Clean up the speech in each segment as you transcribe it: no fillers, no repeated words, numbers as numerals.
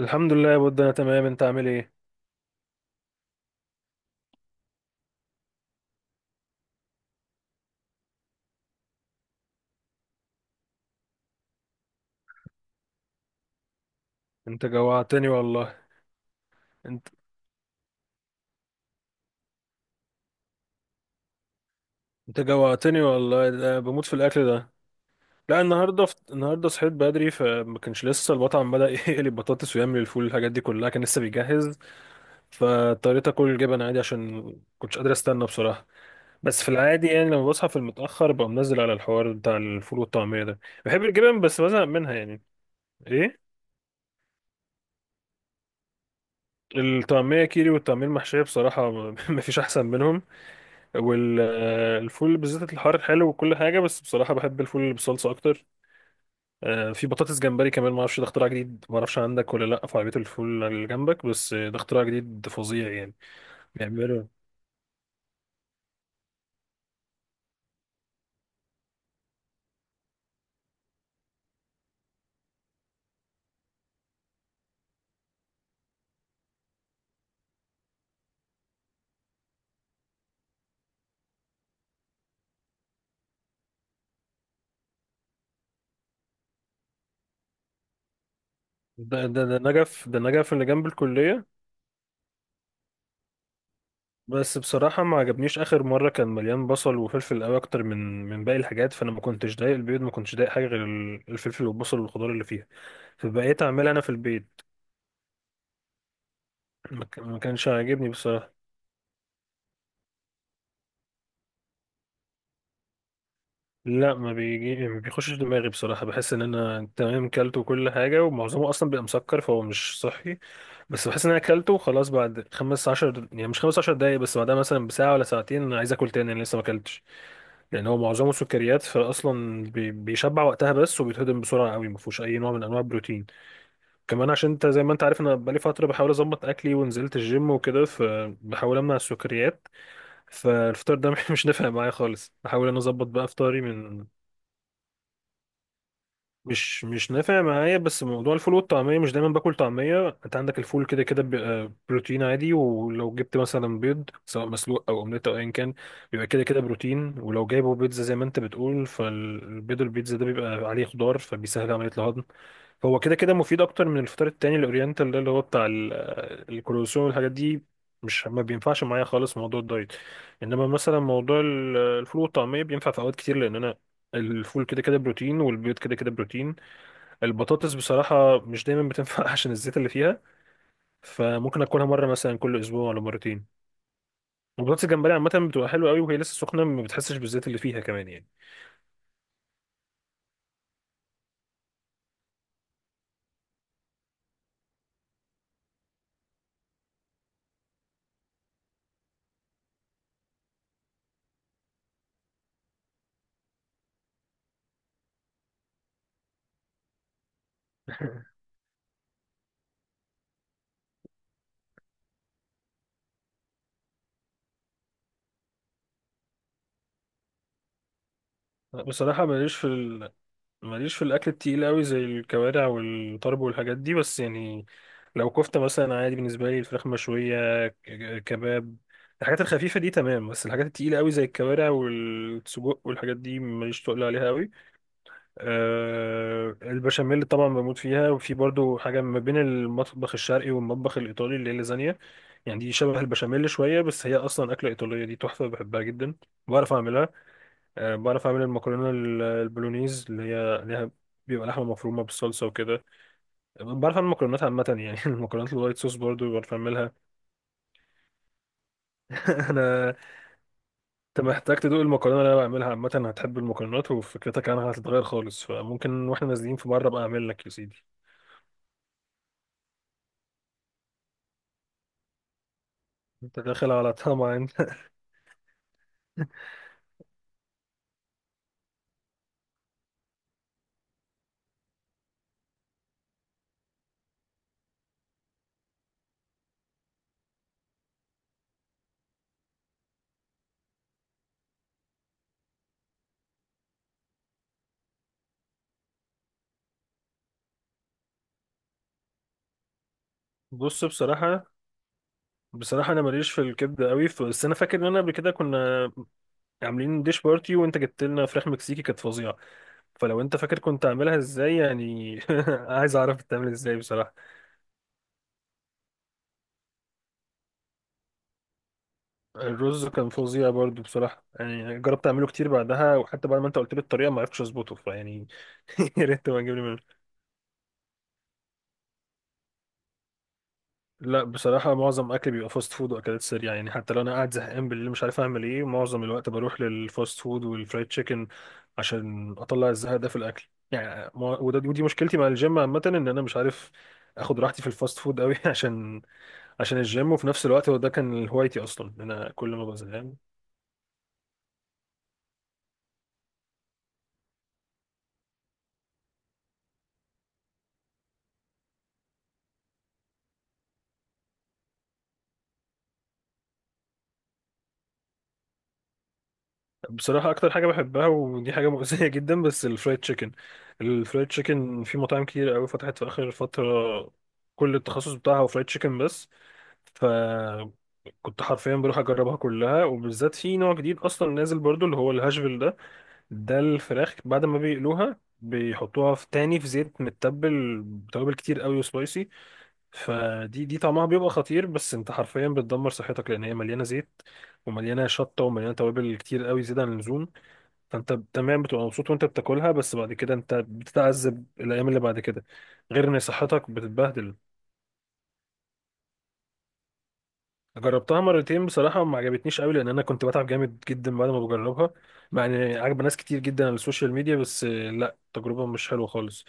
الحمد لله يا بود، انا تمام. انت عامل ايه؟ انت جوعتني والله. انت انت جوعتني والله، ده بموت في الاكل ده. لا، النهارده النهارده صحيت بدري، فما كانش لسه البطعم بدأ يقلي البطاطس ويعمل الفول، الحاجات دي كلها كان لسه بيجهز. فاضطريت اكل الجبن عادي عشان كنتش قادر استنى بصراحه. بس في العادي يعني لما بصحى في المتأخر بقوم منزل على الحوار بتاع الفول والطعميه ده. بحب الجبن بس بزهق منها يعني. ايه. الطعميه كيري والطعميه المحشيه بصراحه مفيش احسن منهم. والفول بالزيت الحار حلو وكل حاجه، بس بصراحه بحب الفول اللي بالصلصه اكتر. في بطاطس جمبري كمان، ما اعرفش، ده اختراع جديد. ما اعرفش عندك ولا لا في عربيه الفول اللي جنبك، بس ده اختراع جديد فظيع يعني. بيعملوا. ده نجف، ده نجف اللي جنب الكليه. بس بصراحه ما عجبنيش، اخر مره كان مليان بصل وفلفل قوي اكتر من باقي الحاجات، فانا ما كنتش ضايق البيض، ما كنتش ضايق حاجه غير الفلفل والبصل والخضار اللي فيها. فبقيت اعملها انا في البيت. ما كانش عاجبني بصراحه. لا، ما بيجي، ما بيخشش دماغي بصراحة، بحس ان انا تمام كلته كل حاجة، ومعظمه اصلا بيبقى مسكر فهو مش صحي. بس بحس ان انا كلته وخلاص، بعد خمس عشر يعني مش خمس عشر دقايق بس، بعدها مثلا بساعة ولا ساعتين انا عايز اكل تاني، انا لسه ما اكلتش. لان هو معظمه سكريات، فاصلا بيشبع وقتها بس، وبيتهضم بسرعة قوي، ما فيهوش اي نوع من انواع البروتين. كمان عشان انت زي ما انت عارف انا بقالي فترة بحاول اظبط اكلي ونزلت الجيم وكده، فبحاول امنع السكريات. فالفطار ده مش نافع معايا خالص، بحاول ان أنا اظبط بقى فطاري من. مش نافع معايا، بس موضوع الفول والطعمية، مش دايما باكل طعمية، انت عندك الفول كده كده بيبقى بروتين عادي، ولو جبت مثلا بيض سواء مسلوق او اومليت او ايا كان بيبقى كده كده بروتين. ولو جايبه بيتزا زي ما انت بتقول، فالبيض البيتزا ده بيبقى عليه خضار فبيسهل عملية الهضم. فهو كده كده مفيد اكتر من الفطار التاني الاورينتال ده اللي هو بتاع الكروسون والحاجات دي. مش ما بينفعش معايا خالص موضوع الدايت. انما مثلا موضوع الفول والطعمية بينفع في اوقات كتير، لان انا الفول كده كده بروتين والبيض كده كده بروتين. البطاطس بصراحة مش دايما بتنفع عشان الزيت اللي فيها، فممكن اكلها مرة مثلا كل اسبوع ولا مرتين. البطاطس الجمبري عامة بتبقى حلوة قوي وهي لسه سخنة، ما بتحسش بالزيت اللي فيها كمان يعني. بصراحة ماليش في الأكل التقيل قوي زي الكوارع والطرب والحاجات دي، بس يعني لو كفتة مثلا عادي بالنسبة لي، الفراخ مشوية كباب، الحاجات الخفيفة دي تمام، بس الحاجات التقيلة قوي زي الكوارع والسجق والحاجات دي ماليش تقل عليها قوي. البشاميل طبعا بموت فيها، وفي برضو حاجة ما بين المطبخ الشرقي والمطبخ الإيطالي اللي هي اللازانيا، يعني دي شبه البشاميل شوية، بس هي أصلا أكلة إيطالية، دي تحفة بحبها جدا. بعرف أعملها. بعرف أعمل المكرونة البولونيز اللي هي ليها، بيبقى لحمة مفرومة بالصلصة وكده. بعرف أعمل مكرونات عامة يعني، المكرونات الوايت صوص برضو بعرف أعملها. أنا أنت محتاج تدوق المكرونة اللي أنا بعملها، عامة هتحب المكرونات وفكرتك عنها هتتغير خالص، فممكن وإحنا نازلين في مرة بقى أعمل لك يا سيدي. أنت داخل على طمع. بص، بصراحة، أنا ماليش في الكبدة قوي، بس أنا فاكر إن أنا قبل كده كنا عاملين ديش بارتي وأنت جبت لنا فراخ مكسيكي كانت فظيعة. فلو أنت فاكر كنت عاملها إزاي يعني، عايز أعرف بتعمل إزاي بصراحة. الرز كان فظيع برضو بصراحة، يعني جربت أعمله كتير بعدها، وحتى بعد ما أنت قلت لي الطريقة ما عرفتش أظبطه، فيعني يا ريت تبقى تجيب لي منه. لا بصراحة معظم أكلي بيبقى فاست فود وأكلات سريعة يعني، حتى لو أنا قاعد زهقان بالليل مش عارف أعمل إيه، معظم الوقت بروح للفاست فود والفرايد تشيكن عشان أطلع الزهق ده في الأكل يعني. وده ودي مشكلتي مع الجيم عامة، إن أنا مش عارف آخد راحتي في الفاست فود أوي عشان الجيم، وفي نفس الوقت هو ده كان هوايتي أصلا إن أنا كل ما ببقى زهقان. بصراحة أكتر حاجة بحبها ودي حاجة مؤذية جدا، بس الفرايد تشيكن. الفرايد تشيكن في مطاعم كتير أوي فتحت في آخر فترة، كل التخصص بتاعها هو فرايد تشيكن بس. فكنت حرفيا بروح اجربها كلها، وبالذات في نوع جديد اصلا نازل برضو اللي هو الهاشفيل ده. ده الفراخ بعد ما بيقلوها بيحطوها في تاني في زيت متبل بتوابل كتير قوي وسبايسي، فدي طعمها بيبقى خطير. بس انت حرفيا بتدمر صحتك، لان هي مليانه زيت، ومليانه شطه ومليانه توابل كتير قوي زياده عن اللزوم. فانت تمام بتبقى مبسوط وانت بتاكلها، بس بعد كده انت بتتعذب الايام اللي بعد كده، غير ان صحتك بتتبهدل. جربتها مرتين بصراحة ما عجبتنيش قوي، لأن أنا كنت بتعب جامد جدا بعد ما بجربها. مع إن عجب ناس كتير جدا على السوشيال ميديا، بس لا، تجربة مش حلوة خالص.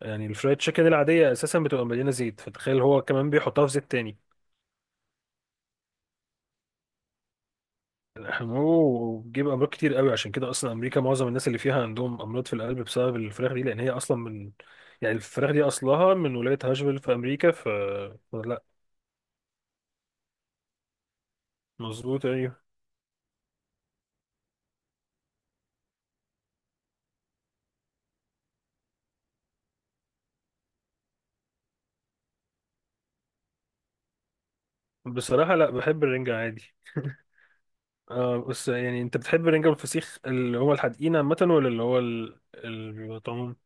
يعني الفرايد تشيكن العادية أساسا بتبقى مليانة زيت، فتخيل هو كمان بيحطها في زيت تاني. أوه، بيجيب أمراض كتير قوي، عشان كده أصلا أمريكا معظم الناس اللي فيها عندهم أمراض في القلب بسبب الفراخ دي، لأن هي أصلا من، يعني الفراخ دي أصلها من ولاية هاشفيل في أمريكا ف. لا. مظبوط، أيوه. بصراحة، لا، بحب الرنجة عادي. آه، بس يعني انت بتحب الرنجة والفسيخ اللي هو الحدقين عامة ولا اللي هو اللي بيبقى طعمهم.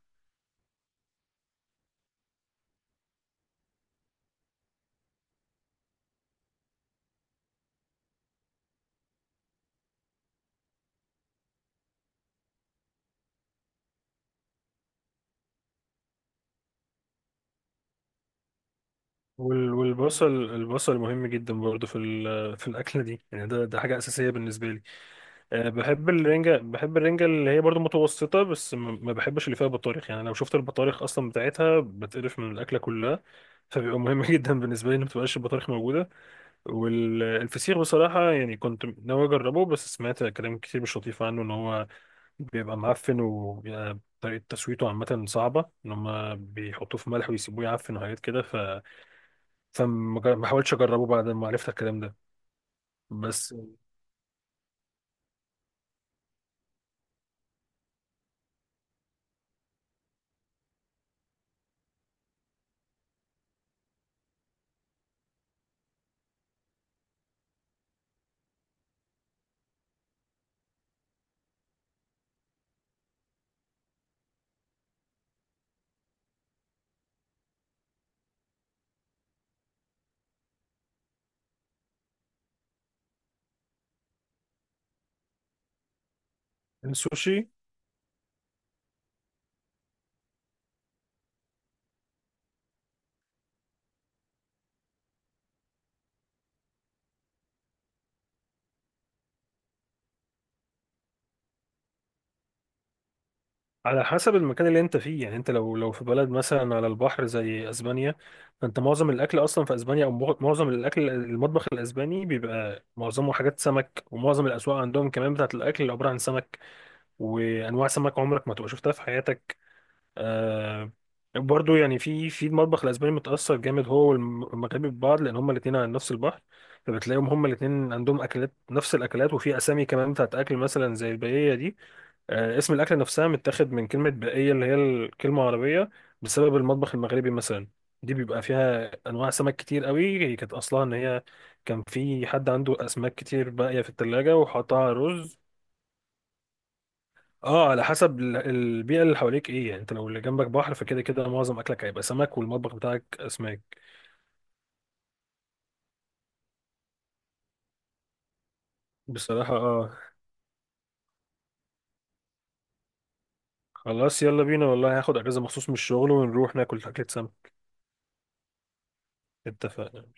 والبصل، البصل مهم جدا برضه في في الأكلة دي، يعني ده حاجة أساسية بالنسبة لي. أه، بحب الرنجة، بحب الرنجة اللي هي برضه متوسطة، بس ما بحبش اللي فيها بطارخ. يعني لو شفت البطارخ أصلا بتاعتها بتقرف من الأكلة كلها، فبيبقى مهم جدا بالنسبة لي إن ما تبقاش البطارخ موجودة. والفسيخ بصراحة يعني كنت ناوي أجربه، بس سمعت كلام كتير مش لطيف عنه، إن هو بيبقى معفن وطريقة تسويته عامة صعبة، إن هما بيحطوه في ملح ويسيبوه يعفن وحاجات كده ف... ما حاولتش أجربه بعد ما عرفت الكلام ده. بس. السوشي. على حسب المكان اللي أنت فيه يعني، أنت لو في بلد مثلا على البحر زي أسبانيا، فأنت معظم الأكل أصلا في أسبانيا أو معظم الأكل المطبخ الأسباني بيبقى معظمه حاجات سمك، ومعظم الأسواق عندهم كمان بتاعة الأكل عبارة عن سمك، وأنواع سمك عمرك ما تبقى شفتها في حياتك. آه. برضو يعني في المطبخ الاسباني متاثر جامد هو والمغربي ببعض، لان هما الاثنين على نفس البحر. فبتلاقيهم هما الاثنين عندهم اكلات نفس الاكلات، وفي اسامي كمان بتاعت اكل مثلا زي الباقيه دي. اسم الاكله نفسها متاخد من كلمه باقيه اللي هي الكلمه عربيه، بسبب المطبخ المغربي مثلا. دي بيبقى فيها انواع سمك كتير قوي، هي كانت اصلها ان هي كان في حد عنده اسماك كتير باقيه في التلاجة وحطها رز. اه، على حسب البيئة اللي حواليك ايه يعني، انت لو اللي جنبك بحر فكده كده معظم اكلك هيبقى سمك والمطبخ بتاعك اسماك. بصراحة اه، خلاص يلا بينا والله، هاخد اجازة مخصوص من الشغل ونروح ناكل اكلة سمك. اتفقنا.